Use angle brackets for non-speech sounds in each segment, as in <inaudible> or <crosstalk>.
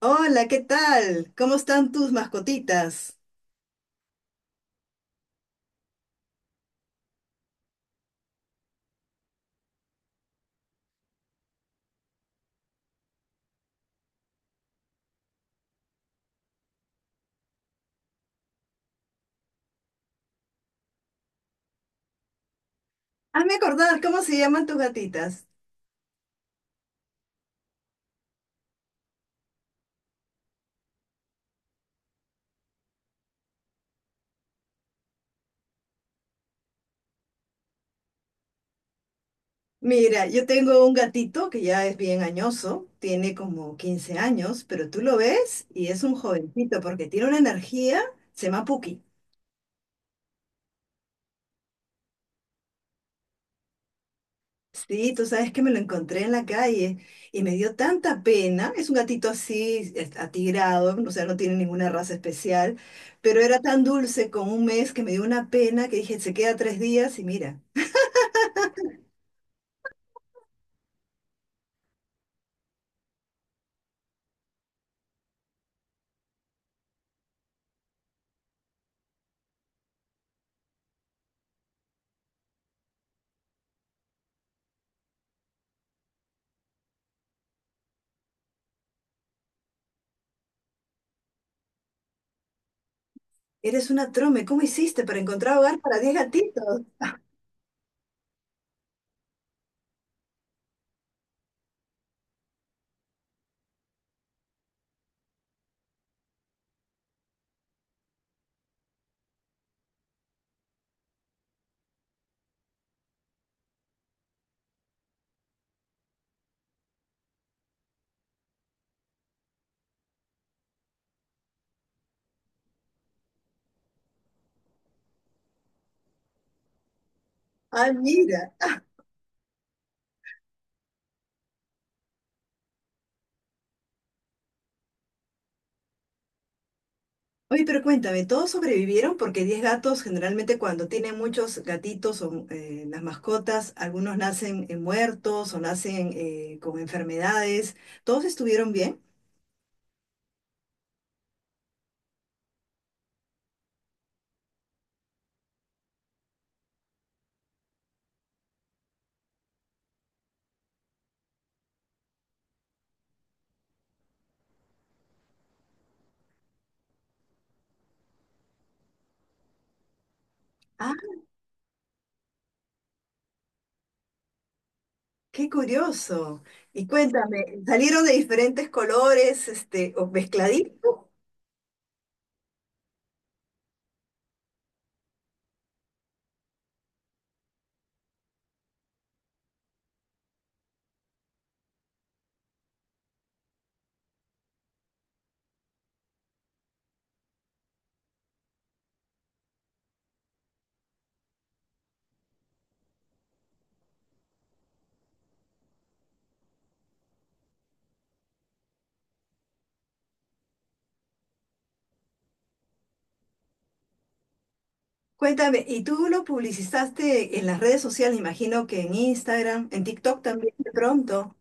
Hola, ¿qué tal? ¿Cómo están tus mascotitas? Hazme acordar, ¿cómo se llaman tus gatitas? Mira, yo tengo un gatito que ya es bien añoso, tiene como 15 años, pero tú lo ves y es un jovencito porque tiene una energía, se llama Puki. Sí, tú sabes que me lo encontré en la calle y me dio tanta pena. Es un gatito así, atigrado, o sea, no tiene ninguna raza especial, pero era tan dulce con 1 mes que me dio una pena que dije, se queda 3 días y mira. Eres una trome, ¿cómo hiciste para encontrar hogar para 10 gatitos? Ay, mira. Oye, pero cuéntame, ¿todos sobrevivieron? Porque 10 gatos, generalmente cuando tienen muchos gatitos o las mascotas, algunos nacen muertos o nacen con enfermedades. ¿Todos estuvieron bien? Ah, qué curioso. Y cuéntame, ¿salieron de diferentes colores, este, o mezcladitos? Cuéntame, ¿y tú lo publicizaste en las redes sociales? Imagino que en Instagram, en TikTok también, de pronto.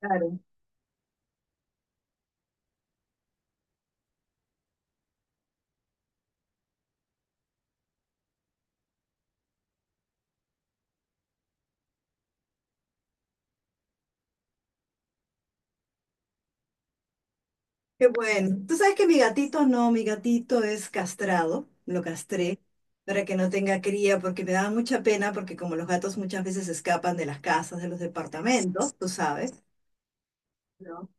Claro. Qué bueno. Tú sabes que mi gatito no, mi gatito es castrado, lo castré para que no tenga cría porque me daba mucha pena porque como los gatos muchas veces escapan de las casas, de los departamentos, tú sabes, ¿no?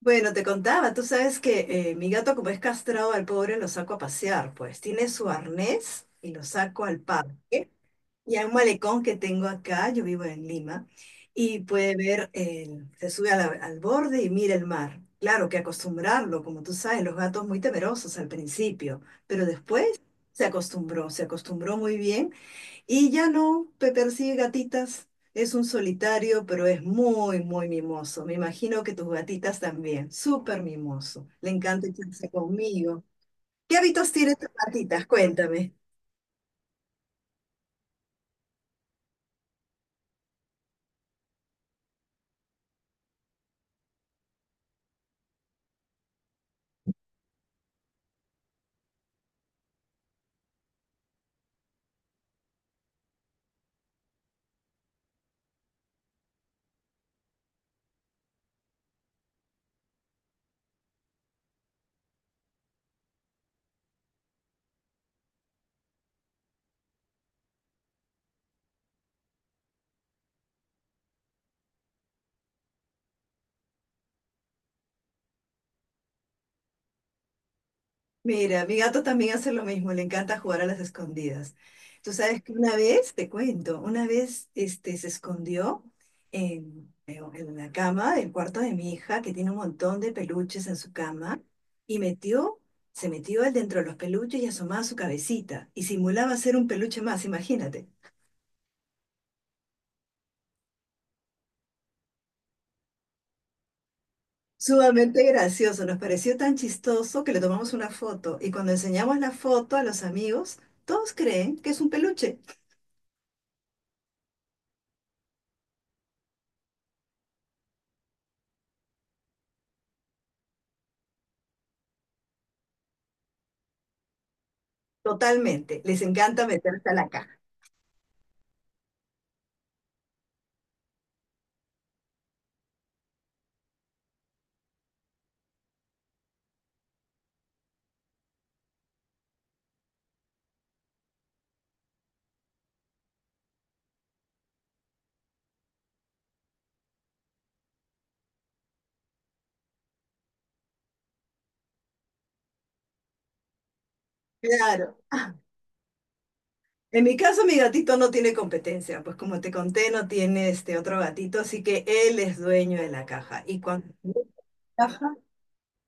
Bueno, te contaba, tú sabes que mi gato como es castrado al pobre lo saco a pasear, pues tiene su arnés y lo saco al parque. Y hay un malecón que tengo acá, yo vivo en Lima, y puede ver, el- se sube a la- al borde y mira el mar. Claro que acostumbrarlo, como tú sabes, los gatos muy temerosos al principio, pero después se acostumbró muy bien y ya no persigue gatitas. Es un solitario, pero es muy, muy mimoso. Me imagino que tus gatitas también, súper mimoso. Le encanta echarse conmigo. ¿Qué hábitos tiene tus gatitas? Cuéntame. Mira, mi gato también hace lo mismo, le encanta jugar a las escondidas. Tú sabes que una vez, te cuento, una vez este, se escondió en la cama del cuarto de mi hija, que tiene un montón de peluches en su cama, y metió, se metió él dentro de los peluches y asomaba su cabecita, y simulaba ser un peluche más, imagínate. Sumamente gracioso, nos pareció tan chistoso que le tomamos una foto, y cuando enseñamos la foto a los amigos, todos creen que es un peluche. Totalmente, les encanta meterse a la caja. Claro. En mi caso, mi gatito no tiene competencia, pues como te conté, no tiene este otro gatito, así que él es dueño de la caja. Y cuando tiene caja,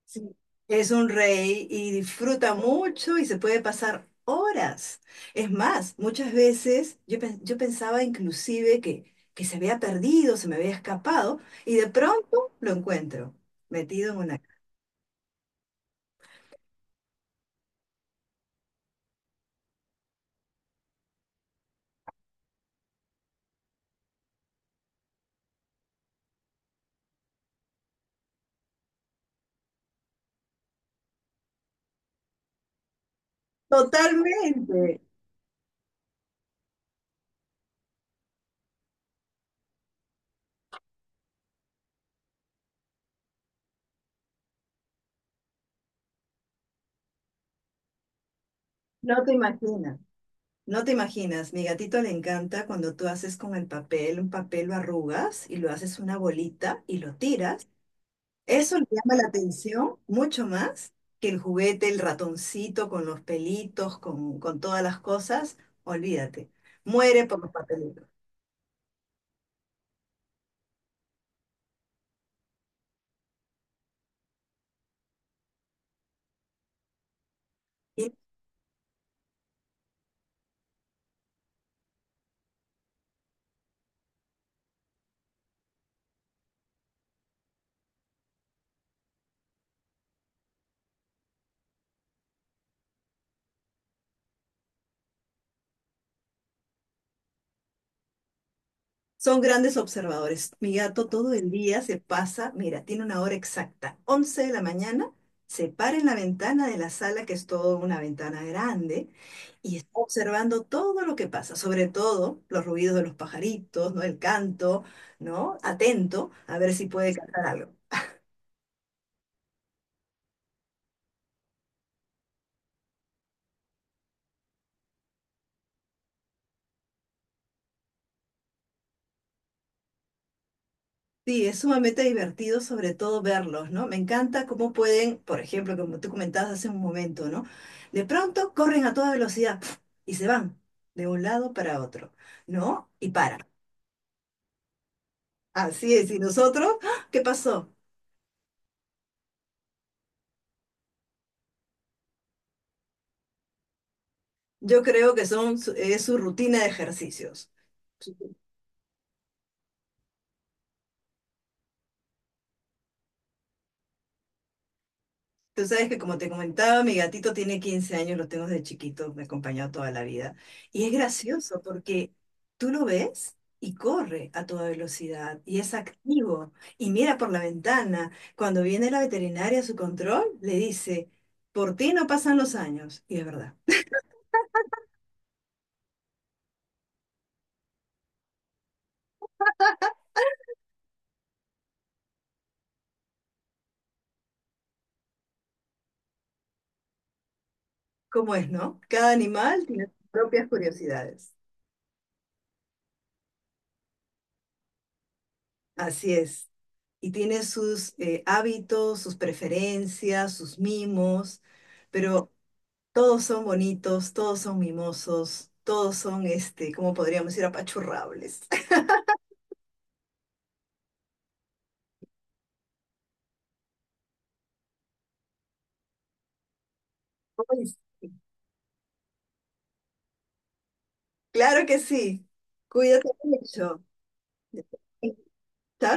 sí, es un rey y disfruta mucho y se puede pasar horas. Es más, muchas veces yo, yo pensaba inclusive que se había perdido, se me había escapado, y de pronto lo encuentro, metido en una caja. Totalmente, no te imaginas. No te imaginas, mi gatito le encanta cuando tú haces con el papel, un papel lo arrugas y lo haces una bolita y lo tiras. Eso le llama la atención mucho más que el juguete, el ratoncito con los pelitos, con todas las cosas. Olvídate, muere por los papelitos. Y son grandes observadores. Mi gato todo el día se pasa, mira, tiene una hora exacta, 11 de la mañana, se para en la ventana de la sala, que es toda una ventana grande, y está observando todo lo que pasa, sobre todo los ruidos de los pajaritos, ¿no? El canto, ¿no? Atento a ver si puede cantar algo. Sí, es sumamente divertido sobre todo verlos, ¿no? Me encanta cómo pueden, por ejemplo, como tú comentabas hace un momento, ¿no? De pronto corren a toda velocidad ¡puf! Y se van de un lado para otro, ¿no? Y paran. Así es, y nosotros, ¡ah! ¿Qué pasó? Yo creo que son, es su rutina de ejercicios. Tú sabes que como te comentaba, mi gatito tiene 15 años, lo tengo desde chiquito, me ha acompañado toda la vida. Y es gracioso porque tú lo ves y corre a toda velocidad y es activo y mira por la ventana. Cuando viene la veterinaria a su control, le dice, por ti no pasan los años. Y es verdad. ¿Cómo es, no? Cada animal tiene sus propias curiosidades. Así es. Y tiene sus hábitos, sus preferencias, sus mimos, pero... Todos son bonitos, todos son mimosos, todos son, este, ¿cómo podríamos decir? Apachurrables. <laughs> Ay, sí. Claro que sí. Cuídate mucho. ¿Está?